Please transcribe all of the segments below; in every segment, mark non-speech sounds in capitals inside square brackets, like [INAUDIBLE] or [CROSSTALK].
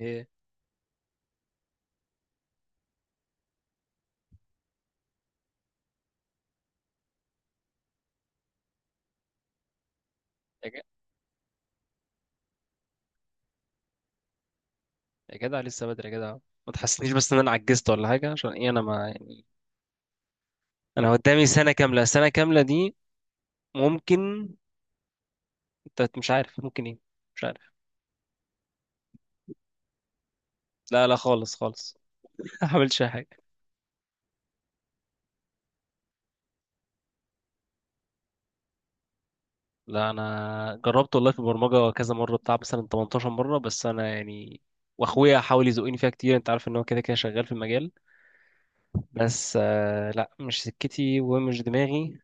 ايه. يا جدع، لسه بدري يا جدع. ما تحسنيش [LAUGHS] بس ان انا عجزت ولا حاجه، عشان ايه؟ انا، ما يعني، انا قدامي سنه كامله، سنه كامله دي ممكن، انت مش عارف ممكن ايه. مش عارف. لا لا، خالص خالص. [LAUGHS] ما عملتش اي حاجه. لا، انا جربت والله في البرمجه كذا مره، بتاع مثلا 18 مره، بس انا يعني، واخويا حاول يزقني فيها كتير. انت عارف ان هو كده كده شغال في المجال. بس آه، لا، مش سكتي ومش دماغي.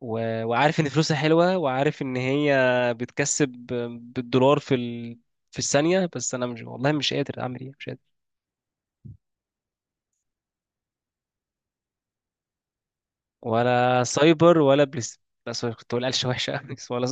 وعارف ان فلوسها حلوه، وعارف ان هي بتكسب بالدولار في الثانيه. بس انا مش، والله مش قادر اعمل ايه، مش قادر. ولا سايبر ولا بلاي ستيشن. لا سوري، كنت بقول قلشه وحشه أوي. [LAUGHS] ولا،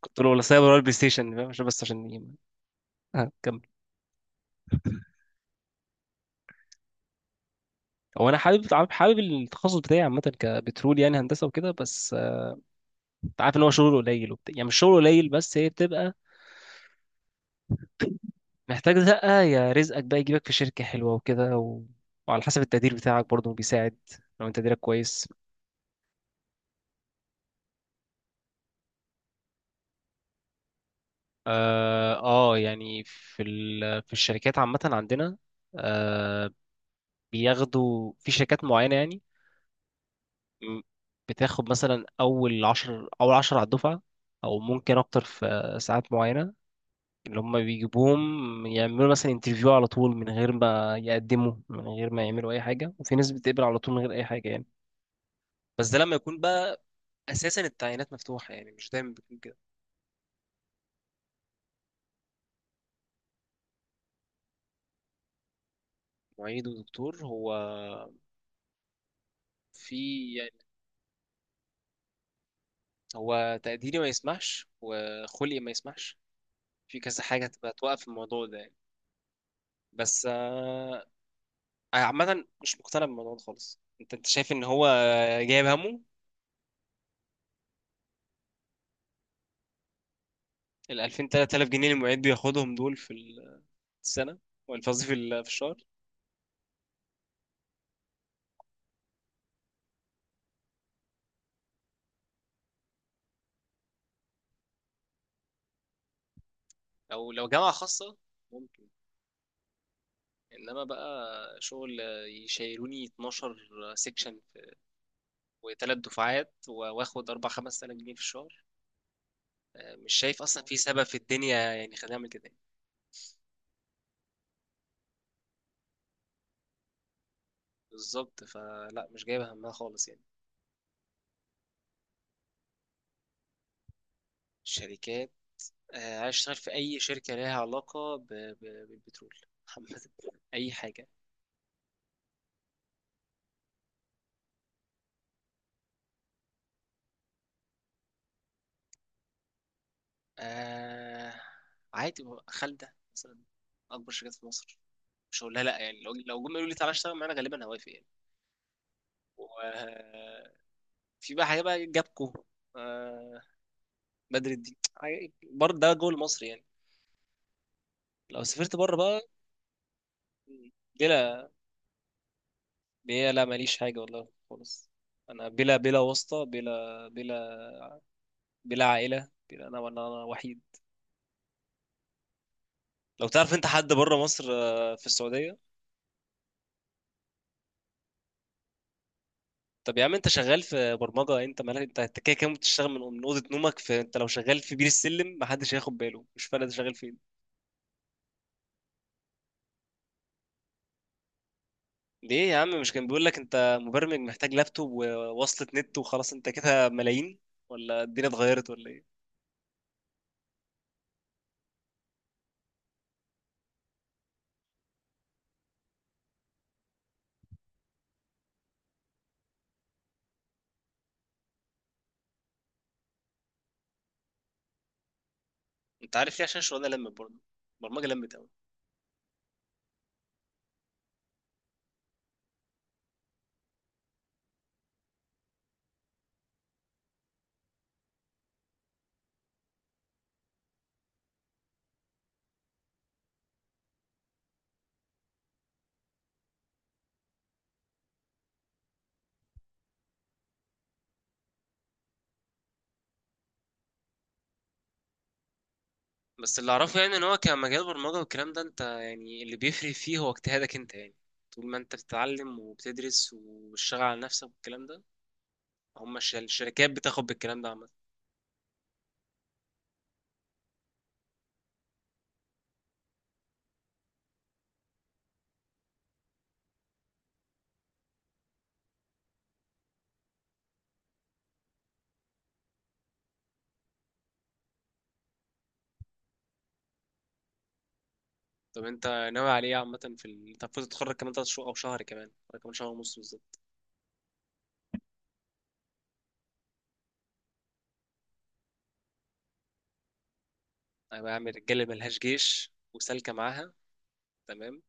كنت بقول ولا سايبر ولا بلاي ستيشن، فاهم؟ عشان، بس عشان ايه. اه كمل. هو انا حابب، حابب التخصص بتاعي عامه، كبترول، يعني هندسه وكده. بس آه، انت عارف ان هو شغله قليل وبتاع، يعني مش شغله قليل، بس هي بتبقى محتاج زقه. يا رزقك بقى يجيبك في شركه حلوه وكده، وعلى حسب التقدير بتاعك برضه بيساعد، لو انت تقديرك كويس. اه آه، يعني في الشركات عامة عندنا. آه. بياخدوا في شركات معينة يعني. م- بتاخد مثلا أول عشر، أول عشر على الدفعة، أو ممكن أكتر. في ساعات معينة اللي هم بيجيبوهم، يعملوا مثلا انترفيو على طول من غير ما يقدموا، من غير ما يعملوا أي حاجة. وفي ناس بتقبل على طول من غير أي حاجة يعني. بس ده لما يكون بقى أساسا التعيينات مفتوحة، يعني مش دايما بيكون كده. معيد ودكتور هو؟ في. هو تقديري ما يسمحش، وخلقي ما يسمحش، في كذا حاجة تبقى توقف الموضوع ده يعني. بس آه، أنا عامة مش مقتنع بالموضوع ده خالص. أنت شايف إن هو جايب همه؟ ال 2000 3000 جنيه اللي المعيد بياخدهم دول في السنة، ولا قصدي في الشهر؟ أو لو جامعة خاصة ممكن. إنما بقى شغل يشيلوني 12 سيكشن وثلاث دفعات واخد 4 5000 جنيه في الشهر؟ آه، مش شايف أصلا في سبب في الدنيا يعني خلينا نعمل كده يعني. بالظبط، فلا مش جايبه همها خالص يعني. الشركات، آه، عايز اشتغل في اي شركه ليها علاقه بالبترول [LAUGHS] عامه، اي حاجه. آه... عادي، خالده مثلا، اكبر شركات في مصر، مش هقول لها لا يعني. لو لو جم يقولوا لي تعالى اشتغل معانا غالبا هوافق يعني. وفي بقى حاجه بقى جابكو، آه... بدر الدين. برضه ده جوه مصر يعني. لو سافرت بره بقى. بلا، بلا، لا ماليش حاجه والله خالص. انا بلا، بلا واسطه، بلا بلا عائله، بلا، انا ولا، انا وحيد. لو تعرف انت حد بره مصر، آه، في السعوديه. طب يا عم، انت شغال في برمجه، انت مالك؟ انت انت كده كده بتشتغل من اوضه نومك. فانت لو شغال في بير السلم محدش هياخد باله، مش فارق انت شغال فين. ليه يا عم؟ مش كان بيقول لك انت مبرمج محتاج لابتوب ووصلة نت وخلاص، انت كده ملايين؟ ولا الدنيا اتغيرت ولا ايه؟ انت عارف ليه؟ عشان الشغلانه لمت برضه، البرمجه لمت. بس اللي اعرفه يعني ان هو كمجال برمجه والكلام ده، انت يعني اللي بيفرق فيه هو اجتهادك انت يعني. طول ما انت بتتعلم وبتدرس وبتشتغل على نفسك والكلام ده، هم الشركات بتاخد بالكلام ده عامه. طب انت ناوي على ايه عامه؟ انت المفروض تتخرج كمان تلات شهور، او شهر كمان ولا كمان شهر ونص بالظبط؟ انا بعمل رجاله ملهاش جيش وسالكه معاها. تمام.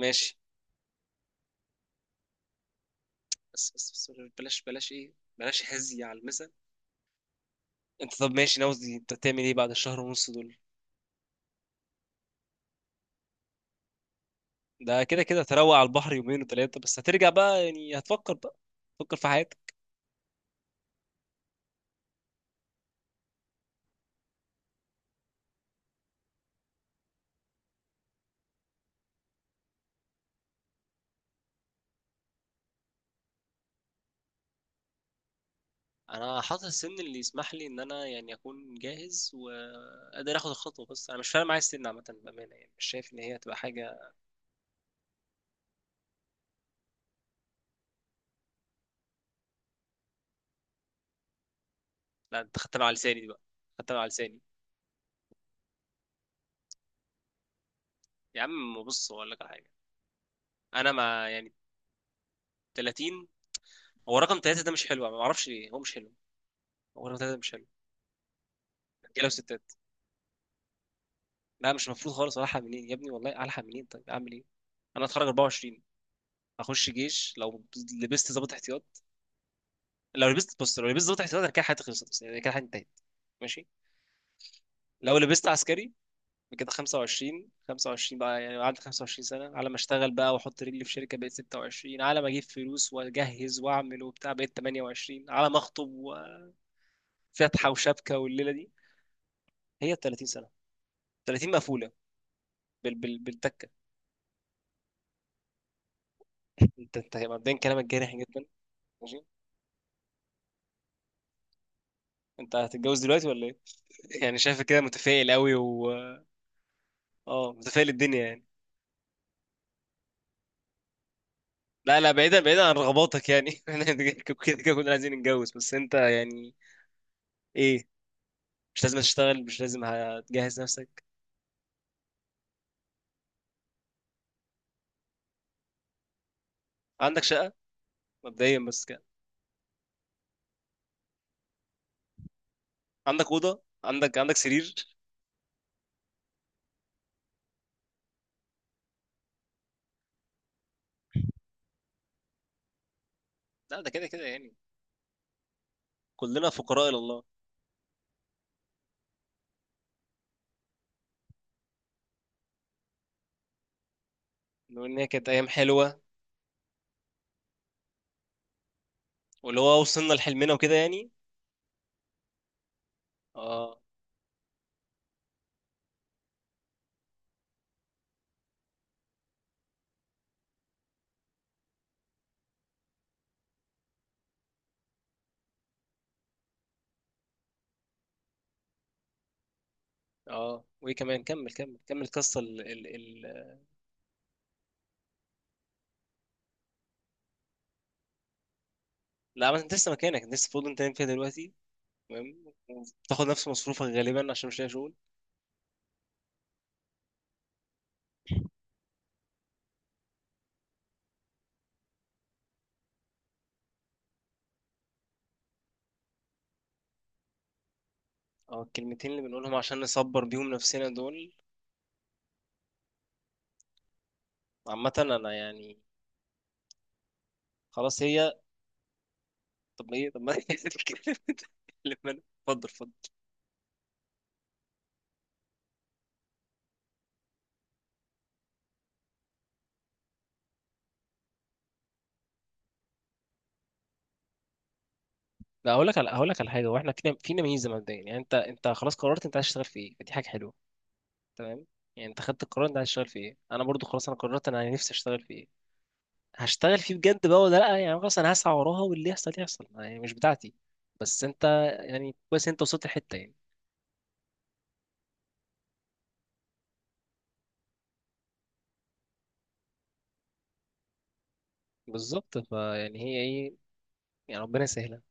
ماشي. بس بلاش، بلاش ايه، بلاش هزي على المثل. انت طب ماشي، ناوي انت تعمل ايه بعد الشهر ونص دول؟ ده كده كده تروق على البحر يومين وثلاثة، بس هترجع بقى يعني، هتفكر بقى، تفكر في حياتك. انا حاطط السن اللي يسمح لي ان انا يعني اكون جاهز وقادر اخد الخطوه. بس انا مش فارق معايا السن عامه بامانه، يعني مش شايف ان هي هتبقى حاجه. لا انت خدتها على لساني دي بقى، خدتها على لساني. يا عم بص، اقول لك على حاجه. انا مع يعني 30. هو رقم 3 ده مش حلو، أنا ما اعرفش ليه هو مش حلو. هو رقم 3 ده مش حلو. رجاله وستات. لا مش المفروض خالص، الحق منين يا ابني؟ والله الحق منين؟ طيب اعمل ايه؟ انا اتخرج 24، اخش جيش. لو لبست ضابط احتياط، لو لبست، بص، لو لبست ضابط احتياطي أنا كده حياتي خلصت، بس يعني كده حياتي انتهت، ماشي. لو لبست عسكري، كده 25، بقى يعني، قعدت 25 سنة على ما اشتغل بقى، واحط رجلي في شركة بقيت 26، على ما اجيب فلوس واجهز واعمل وبتاع بقيت 28، على ما اخطب وفتحة وشبكة والليلة دي هي 30 سنة. 30 مقفولة بالتكة. انت مبدئيا كلامك جارح جدا. ماشي. انت هتتجوز دلوقتي ولا ايه؟ [LAUGHS] يعني شايف كده متفائل قوي. و اه، متفائل الدنيا يعني. لا لا، بعيدا، بعيدا عن رغباتك يعني. [LAUGHS] احنا كده كده كنا عايزين نتجوز، بس انت يعني، ايه، مش لازم تشتغل، مش لازم هتجهز نفسك؟ عندك شقة، مبدئيا بس كده؟ عندك أوضة، عندك سرير؟ لا ده كده كده يعني، كلنا فقراء إلى الله. لو إن هي كانت أيام حلوة، واللي هو وصلنا لحلمنا وكده يعني. اه. اه وايه كمان؟ كمل، كمل القصة ال ال ال لا ما انت لسه مكانك، انت لسه في أوضة انت نايم فيها دلوقتي، تمام، وبتاخد نفس مصروفك غالبا عشان مش لاقي شغل. اه الكلمتين اللي بنقولهم عشان نصبر بيهم نفسنا دول. عامة انا يعني خلاص، هي، طب ايه؟ طب ما [LAUGHS] هي الكلمة اللي من- اتفضل، اتفضل. لا هقول لك على، هقول لك على حاجة، واحنا فينا، فينا ميزة مبدئيا يعني. انت انت خلاص قررت انت عايز تشتغل في ايه، فدي حاجة حلوة، تمام. يعني انت خدت القرار انت عايز تشتغل في ايه، انا برضو خلاص انا قررت انا نفسي اشتغل في ايه. هشتغل فيه بجد بقى ولا لا يعني؟ خلاص انا هسعى وراها واللي يحصل يحصل يعني، مش بتاعتي. بس انت يعني كويس، انت وصلت الحتة يعني. بالظبط، فيعني هي ايه، يعني ربنا يسهلها.